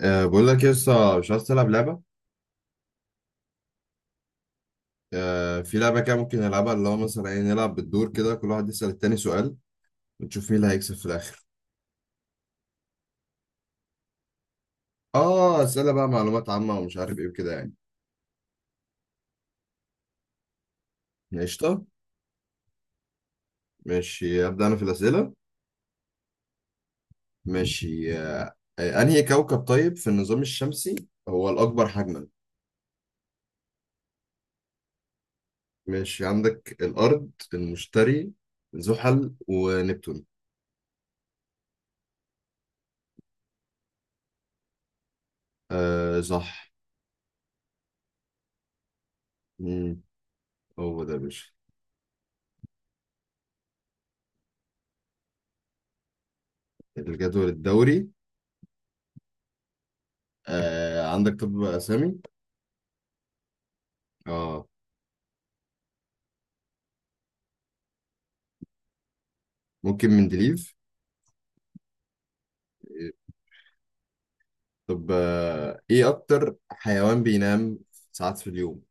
أه بقول لك لسه مش عايز تلعب لعبة. أه في لعبة كده ممكن نلعبها، اللي هو مثلا ايه، نلعب بالدور كده كل واحد يسأل التاني سؤال ونشوف مين اللي هيكسب في الآخر. اه أسئلة بقى معلومات عامة ومش عارف ايه وكده يعني. قشطة. ماشي أبدأ أنا في الأسئلة. ماشي أه آه، أنهي كوكب طيب في النظام الشمسي هو الأكبر حجما؟ ماشي عندك الأرض، المشتري، زحل، ونبتون. أه صح. مم، هو ده يا باشا. الجدول الدوري؟ آه عندك طب أسامي. اه ممكن مندليف. طب ايه اكتر حيوان بينام ساعات في اليوم؟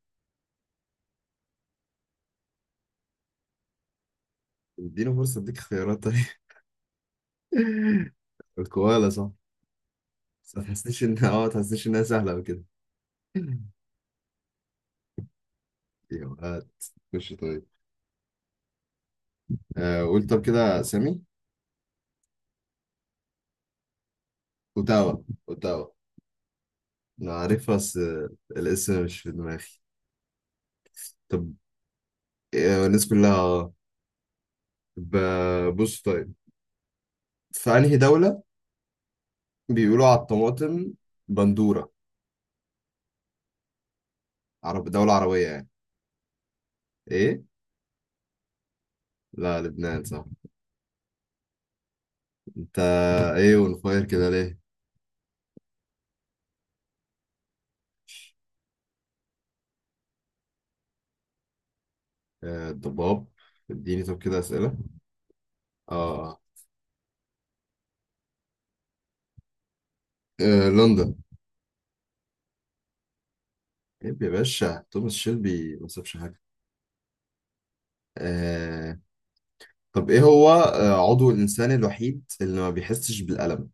اديني فرصة اديك خيارات طيب. الكوالا صح. بس ما تحسنيش ان ما تحسنيش انها سهلة أوي كده. يا وقت. خش طيب. آه قول طب كده سامي. اوتاوا، اوتاوا. انا عارفها بس الاسم مش في دماغي. طب الناس كلها طب بص طيب. في انهي دولة بيقولوا على الطماطم بندورة؟ عرب، دولة عربية يعني. ايه، لا لبنان صح. انت ايه اون فاير كده ليه؟ الضباب. اديني طب كده اسئله. اه لندن. طيب يا باشا توماس شيلبي ما سابش حاجه. آه. طب ايه هو عضو الانسان الوحيد اللي ما بيحسش بالالم؟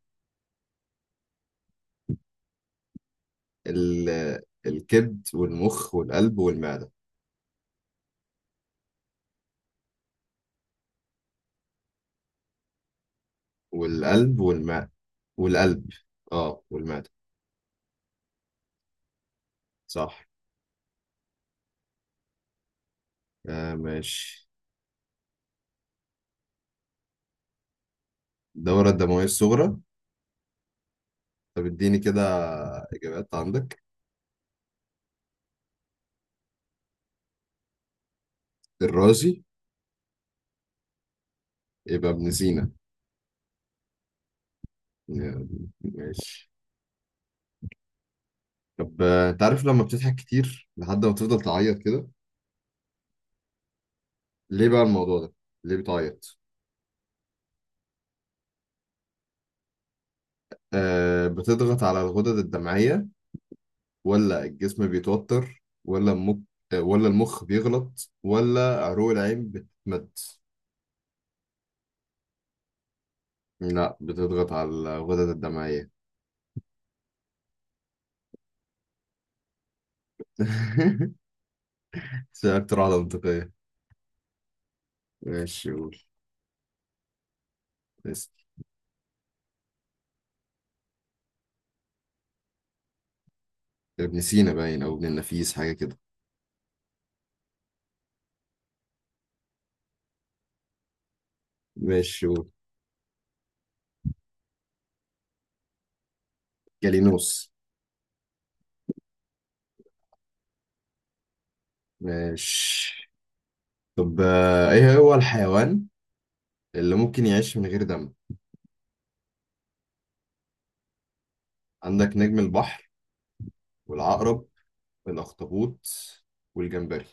ال... آه، الكبد والمخ والقلب والمعده. والقلب والماء والقلب اه والمعده. صح. آه ماشي. الدوره الدمويه الصغرى. طب اديني كده اجابات عندك. الرازي. يبقى ابن سينا. ماشي. طب انت عارف لما بتضحك كتير لحد ما تفضل تعيط كده، ليه بقى الموضوع ده؟ ليه بتعيط؟ آه بتضغط على الغدد الدمعية، ولا الجسم بيتوتر، ولا المخ، ولا المخ بيغلط، ولا عروق العين بتتمد؟ لا بتضغط على الغدد الدمعية. بس هي أكتر واحدة منطقية. ماشي قول. اسأل. ابن سينا باين أو ابن النفيس حاجة كده. ماشي قول. جالينوس. ماشي. طب ايه هو الحيوان اللي ممكن يعيش من غير دم؟ عندك نجم البحر، والعقرب، والاخطبوط، والجمبري.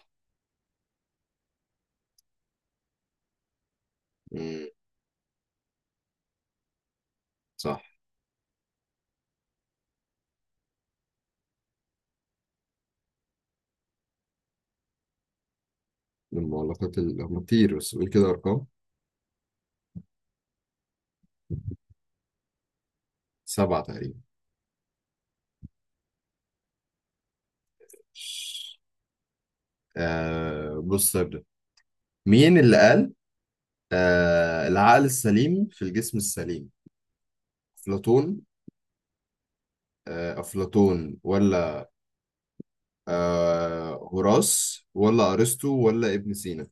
امم. صح. من المعلقات اللي هم كتير، بس قول كده ارقام. 7 تقريبا. آه بص ابدا. مين اللي قال العقل السليم في الجسم السليم؟ افلاطون؟ آه افلاطون ولا هراس ولا ارسطو ولا ابن سينا؟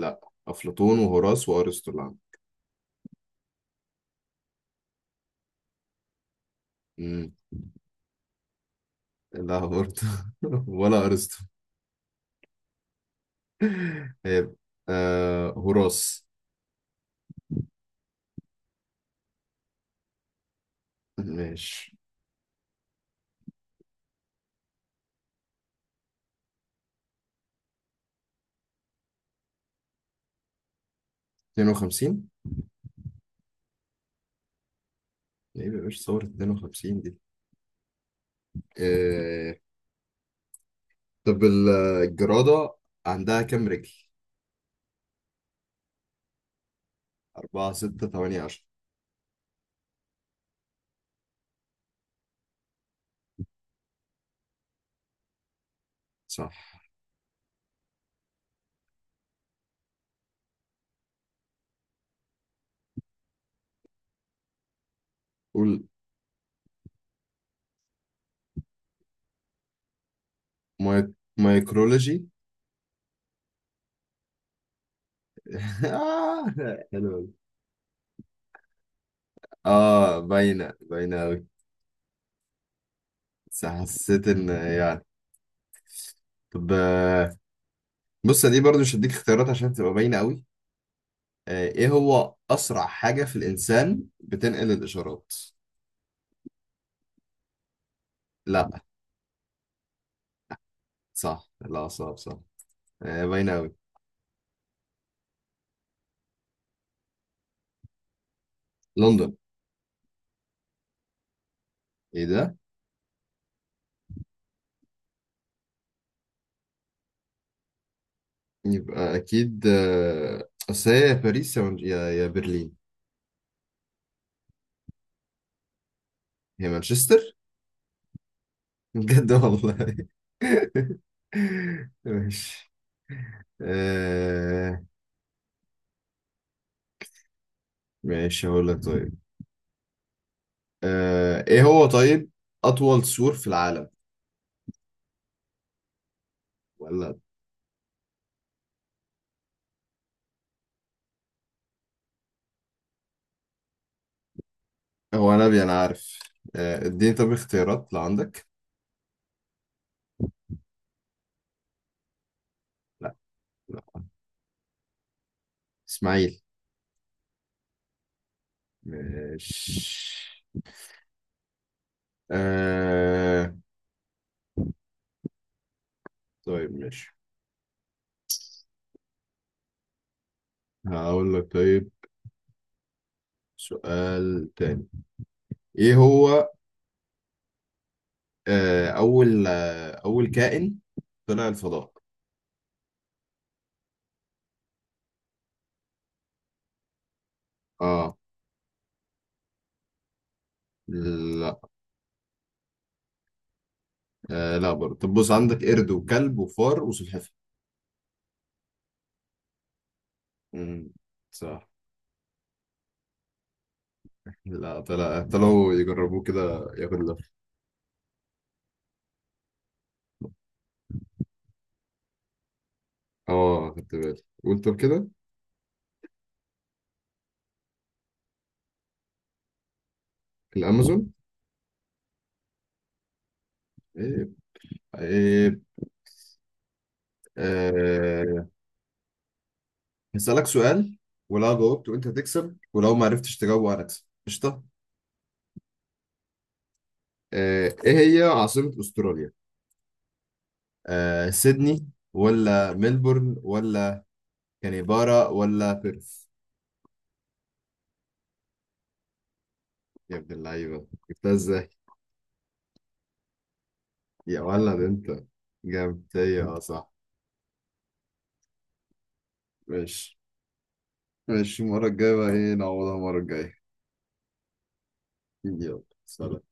لا. افلاطون وهراس وارسطو. لا. لا برضه. ولا ارسطو. هيبقى هراس. ماشي. 52. ايه يا باشا صورة 52 دي؟ آه طب الجرادة عندها كام رجل؟ 4 6 8 10. صح. قول. ماي... مايكرولوجي. آه. حلو أوي. اه باينة، باينة أوي. بس حسيت إن يعني طب بص دي برضو مش هديك اختيارات عشان تبقى باينة أوي. ايه هو اسرع حاجة في الانسان بتنقل الاشارات؟ لا. صح لا صعب صح. باينة قوي. لندن. ايه ده؟ يبقى اكيد اصل هي يا باريس يا برلين هي مانشستر. بجد والله. ماشي. آه، ماشي هقول لك طيب. ايه هو طيب اطول سور في العالم؟ ولا. هو نبي انا عارف. اديني طب اختيارات لو عندك. لا. لا. اسماعيل. ماشي. آه... طيب ماشي هقول لك طيب. سؤال تاني. ايه هو اول كائن طلع الفضاء؟ اه. لا. لا برضه. طب بص عندك قرد وكلب وفار وسلحفاة. مم، صح. لا طلع، طلعوا يجربوه كده، ياخد لفة. اه خدت بالي، قول طب كده. الامازون. ايه، ايه. آه... هسألك سؤال، ولو جاوبت وانت هتكسب، ولو ما عرفتش تجاوبه انا هكسب. قشطة. ايه هي عاصمة استراليا؟ سيدني ولا ملبورن ولا كانبارا ولا بيرث؟ يا ابن اللعيبة جبتها ازاي؟ يا ولد انت. جامد هي، اه صح. ماشي. ماشي المرة الجاية بقى ايه، نعوضها المرة الجاية. يلا سلام.